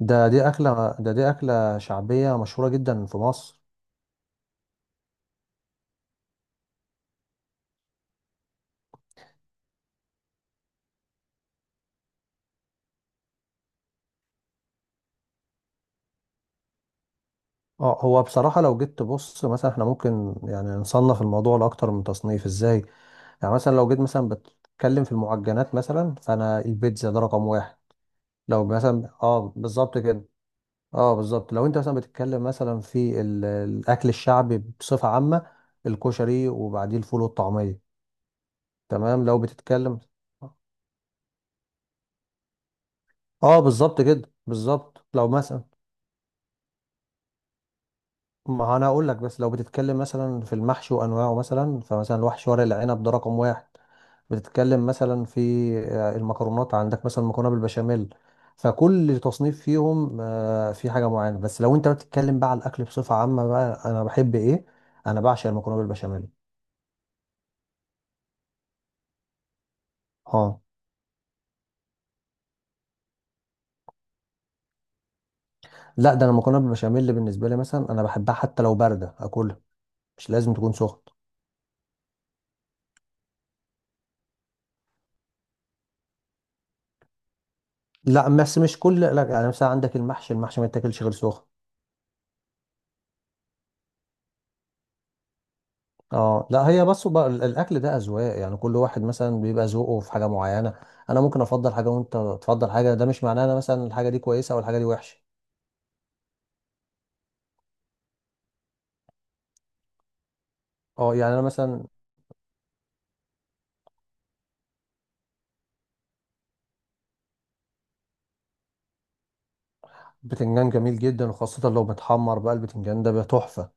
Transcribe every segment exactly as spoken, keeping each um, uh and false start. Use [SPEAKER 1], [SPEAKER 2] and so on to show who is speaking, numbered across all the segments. [SPEAKER 1] ده دي أكلة ده دي أكلة شعبية مشهورة جدا في مصر. اه هو بصراحة لو جيت تبص مثلا، احنا ممكن يعني نصنف الموضوع لأكتر من تصنيف. ازاي يعني؟ مثلا لو جيت مثلا بتتكلم في المعجنات مثلا، فأنا البيتزا ده رقم واحد. لو مثلا اه بالظبط كده. اه بالظبط، لو انت مثلا بتتكلم مثلا في ال- الأكل الشعبي بصفة عامة، الكشري وبعديه الفول والطعمية. تمام لو بتتكلم اه بالظبط كده، بالظبط لو مثلا ما انا اقول لك بس لو بتتكلم مثلا في المحشي وانواعه، مثلا فمثلا الوحش ورق العنب ده رقم واحد. بتتكلم مثلا في آه، المكرونات، عندك مثلا مكرونه بالبشاميل. فكل تصنيف فيهم آه، في حاجه معينه، بس لو انت بتتكلم بقى على الاكل بصفه عامه، بقى انا بحب ايه؟ انا بعشق المكرونه بالبشاميل. اه لا ده انا المكرونه بالبشاميل اللي بالنسبه لي مثلا انا بحبها حتى لو بارده اكلها، مش لازم تكون سخنه. لا بس مش كل لا، يعني مثلا عندك المحشي، المحشي ما يتاكلش غير سخن. اه لا هي بس بقى ال- الاكل ده اذواق، يعني كل واحد مثلا بيبقى ذوقه في حاجه معينه. انا ممكن افضل حاجه وانت تفضل حاجه، ده مش معناه انا مثلا الحاجه دي كويسه او الحاجه دي وحشه. اه يعني انا مثلا بتنجان جميل جدا، وخاصه لو متحمر بقى البتنجان ده بيبقى تحفه.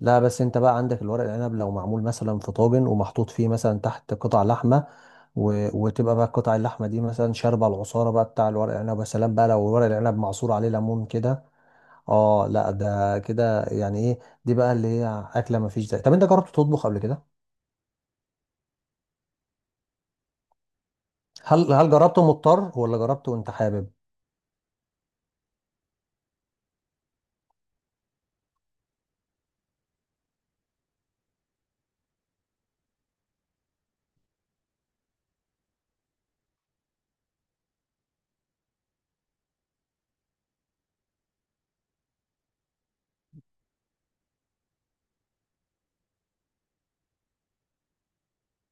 [SPEAKER 1] لا بس انت بقى عندك الورق العنب لو معمول مثلا في طاجن ومحطوط فيه مثلا تحت قطع لحمه و... وتبقى بقى قطع اللحمه دي مثلا شاربه العصاره بقى بتاع الورق العنب. يا سلام بقى لو ورق العنب معصور عليه ليمون كده! اه لا ده كده يعني ايه؟ دي بقى اللي هي اكله ما فيش زي. طب انت جربت تطبخ قبل كده؟ هل هل جربته مضطر ولا جربته وانت حابب؟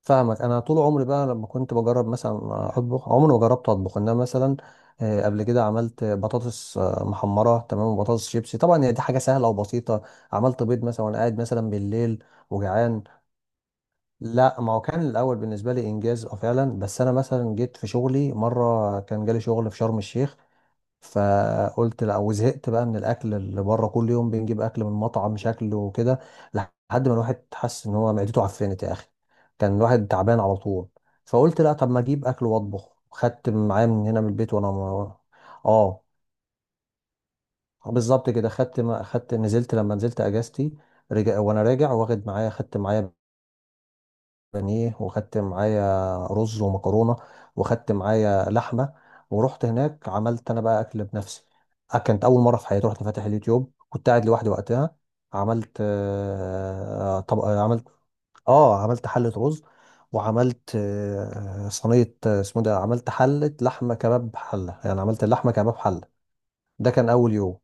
[SPEAKER 1] فاهمك. انا طول عمري بقى لما كنت بجرب مثلا اطبخ، عمري ما جربت اطبخ، انما مثلا آه، قبل كده عملت بطاطس آه، محمره تمام، وبطاطس شيبسي. طبعا هي دي حاجه سهله وبسيطه. عملت بيض مثلا وانا قاعد مثلا بالليل وجعان. لا ما هو كان الاول بالنسبه لي انجاز اه فعلا، بس انا مثلا جيت في شغلي مره كان جالي شغل في شرم الشيخ. فقلت لا، وزهقت بقى من الاكل اللي بره. كل يوم بنجيب اكل من مطعم شكله وكده، لحد ما الواحد حس ان هو معدته عفنت يا اخي. كان الواحد تعبان على طول. فقلت لا، طب ما اجيب اكل واطبخ. خدت معايا من هنا من البيت، وانا م- اه بالظبط كده. خدت ما خدت، نزلت لما نزلت اجازتي، رجع وانا راجع واخد معايا خدت معايا بانيه، وخدت معايا رز ومكرونه، وخدت معايا لحمه. ورحت هناك عملت انا بقى اكل بنفسي. آه، كانت اول مره في حياتي. رحت فاتح اليوتيوب، كنت قاعد لوحدي وقتها. عملت آه، طب آه، عملت اه عملت حله رز، وعملت آه، صينيه آه، اسمه ده، عملت حله لحمه كباب حله، يعني عملت اللحمه كباب حله. ده كان اول يوم.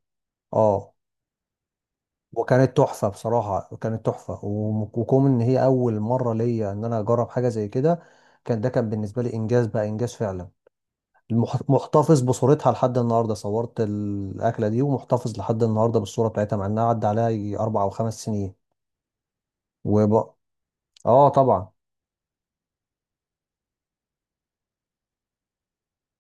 [SPEAKER 1] اه وكانت تحفة بصراحة، كانت تحفة. و- وكون ان هي اول مرة ليا ان انا اجرب حاجة زي كده، كان ده كان بالنسبة لي انجاز بقى، انجاز فعلا. المح- محتفظ بصورتها لحد النهاردة. صورت الاكلة دي ومحتفظ لحد النهاردة بالصورة بتاعتها، مع انها عدى عليها يجي اربع او خمس سنين. وب... اه طبعا.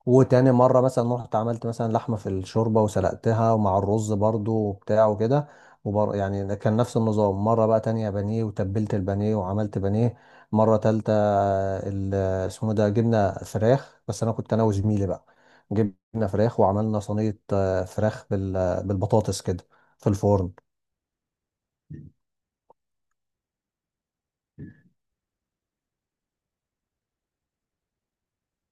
[SPEAKER 1] وتاني مرة مثلا رحت عملت مثلا لحمة في الشوربة وسلقتها، ومع الرز برضو وبتاع وكده. وبر... يعني كان نفس النظام. مرة بقى تانية بانيه، وتبلت البانيه وعملت بانيه. مرة تالتة ال- اسمه ده، جبنا فراخ، بس أنا كنت أنا وزميلي بقى. جبنا فراخ وعملنا صينية آه، فراخ بال... بالبطاطس كده في الفرن.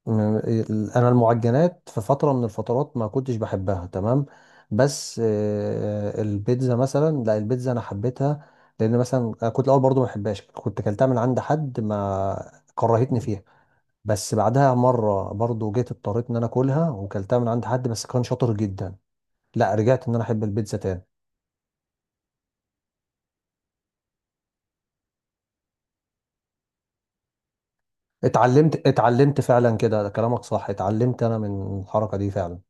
[SPEAKER 1] م- ال- انا المعجنات في فتره من الفترات ما كنتش بحبها تمام، بس آه، البيتزا مثلا لا، البيتزا انا حبيتها. لان مثلا أنا كنت الاول برضو ما بحبهاش، كنت اكلتها من عند حد ما كرهتني فيها. بس بعدها مره برضو جيت اضطريت ان انا اكلها، وكلتها من عند حد بس كان شاطر جدا، لا رجعت ان انا احب البيتزا تاني. اتعلمت اتعلمت فعلا كده. ده كلامك صح، اتعلمت انا من الحركه دي فعلا.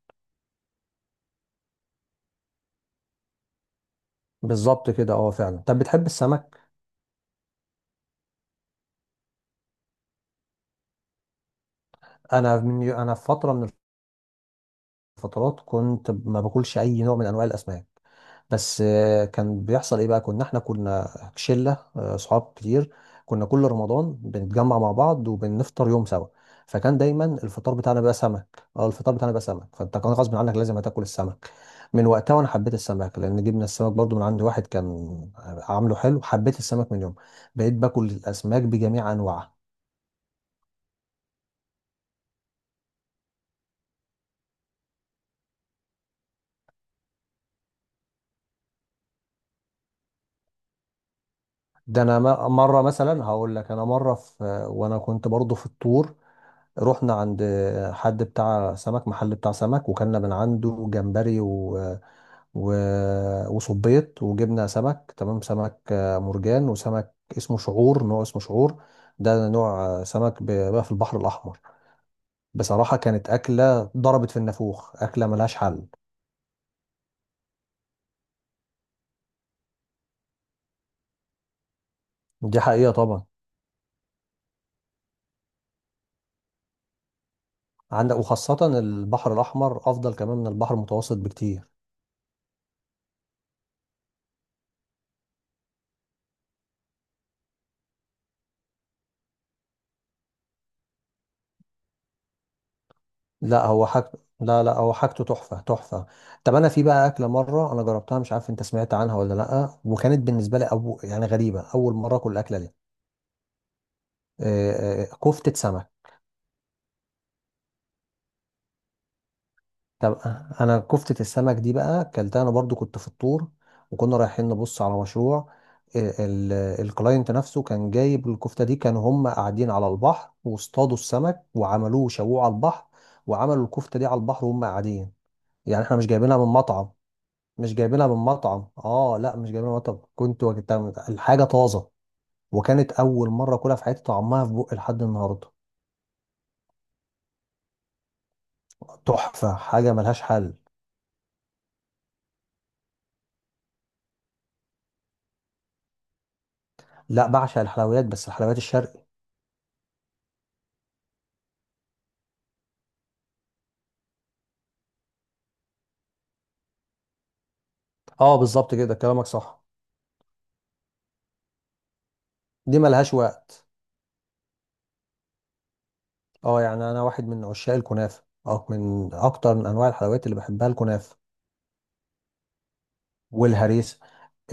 [SPEAKER 1] بالظبط كده اه فعلا. طب بتحب السمك؟ انا من انا في فتره من فترات كنت ما باكلش اي نوع من انواع الاسماك، بس آه، كان بيحصل ايه بقى. كنا احنا كنا شله آه، صحاب كتير، كنا كل رمضان بنتجمع مع بعض وبنفطر يوم سوا. فكان دايما الفطار بتاعنا بقى سمك، اه الفطار بتاعنا بقى سمك. فانت كان غصب عنك لازم هتاكل السمك. من وقتها وانا حبيت السمك، لان جبنا السمك برضو من عند واحد كان عامله حلو. حبيت السمك من يوم، بقيت باكل الاسماك بجميع انواعها. ده انا م- مره مثلا هقول لك، انا مره في آه، وانا كنت برضو في الطور، رحنا عند حد بتاع سمك، محل بتاع سمك، وكلنا من عنده جمبري و... و... وصبيط، وجبنا سمك تمام. سمك آه، مرجان، وسمك اسمه شعور، نوع اسمه شعور. ده نوع آه، سمك ب- بقى في البحر الأحمر. بصراحة كانت أكلة ضربت في النافوخ، أكلة ملهاش حل. دي حقيقة طبعا. عندك وخاصة البحر الأحمر أفضل كمان من البحر المتوسط بكتير. لا هو حاجته، لا لا هو حاجته تحفة تحفة. طب انا في بقى اكلة مرة انا جربتها، مش عارف انت سمعت عنها ولا لا، وكانت بالنسبة لي أبو يعني غريبة، اول مرة اكل الاكلة دي. آه، آه، كفتة سمك. طب انا كفتة السمك دي بقى اكلتها انا برضو كنت في الطور، وكنا رايحين نبص على مشروع. آه، ال- الكلاينت نفسه كان جايب الكفتة دي. كانوا هم قاعدين على البحر واصطادوا السمك وعملوه شووه على البحر، وعملوا الكفتة دي على البحر وهم قاعدين. يعني احنا مش جايبينها من مطعم، مش جايبينها من مطعم اه لا مش جايبينها من مطعم، كنت وجدتها الحاجه طازه. وكانت اول مره اكلها في حياتي، طعمها في بقي لحد النهارده. تحفه، حاجه ملهاش حل. لا بعشق الحلويات، بس الحلويات الشرقي. اه بالظبط كده، كلامك صح. دي ملهاش وقت. اه يعني انا واحد من عشاق الكنافه، اه من اكتر من انواع الحلويات اللي بحبها الكنافه والهريسه.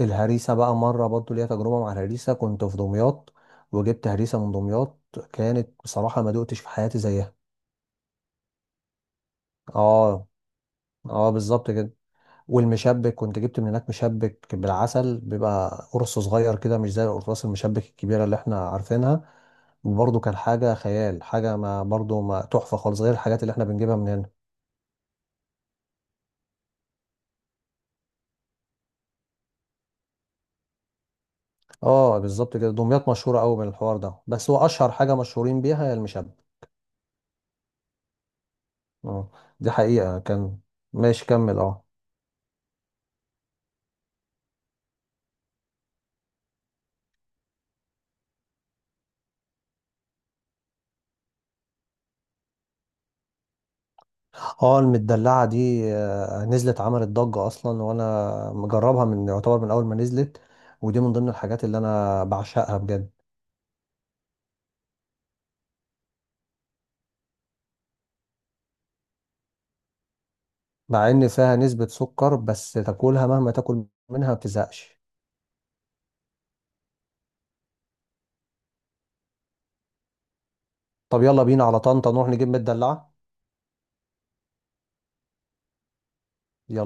[SPEAKER 1] الهريسه بقى مره برضو ليا تجربه مع الهريسه، كنت في دمياط وجبت هريسه من دمياط، كانت بصراحه ما دقتش في حياتي زيها. اه اه بالظبط كده. والمشبك كنت جبت من هناك مشبك بالعسل، بيبقى قرص صغير كده مش زي القرصاص المشبك الكبيرة اللي احنا عارفينها. وبرضه كان حاجة خيال، حاجة ما برضه ما تحفة خالص غير الحاجات اللي احنا بنجيبها من هنا. اه بالظبط كده، دمياط مشهورة قوي بالحوار ده، بس هو أشهر حاجة مشهورين بيها هي المشبك. اه دي حقيقة. كان ماشي كمل اه. اه المدلعة دي آه، نزلت عملت ضجة أصلا، وأنا مجربها من يعتبر من أول ما نزلت. ودي من ضمن الحاجات اللي أنا بعشقها بجد. مع ان فيها نسبة سكر، بس تاكلها مهما تاكل منها ما بتزهقش. طب يلا بينا على طنطا نروح نجيب مدلعة. يلا.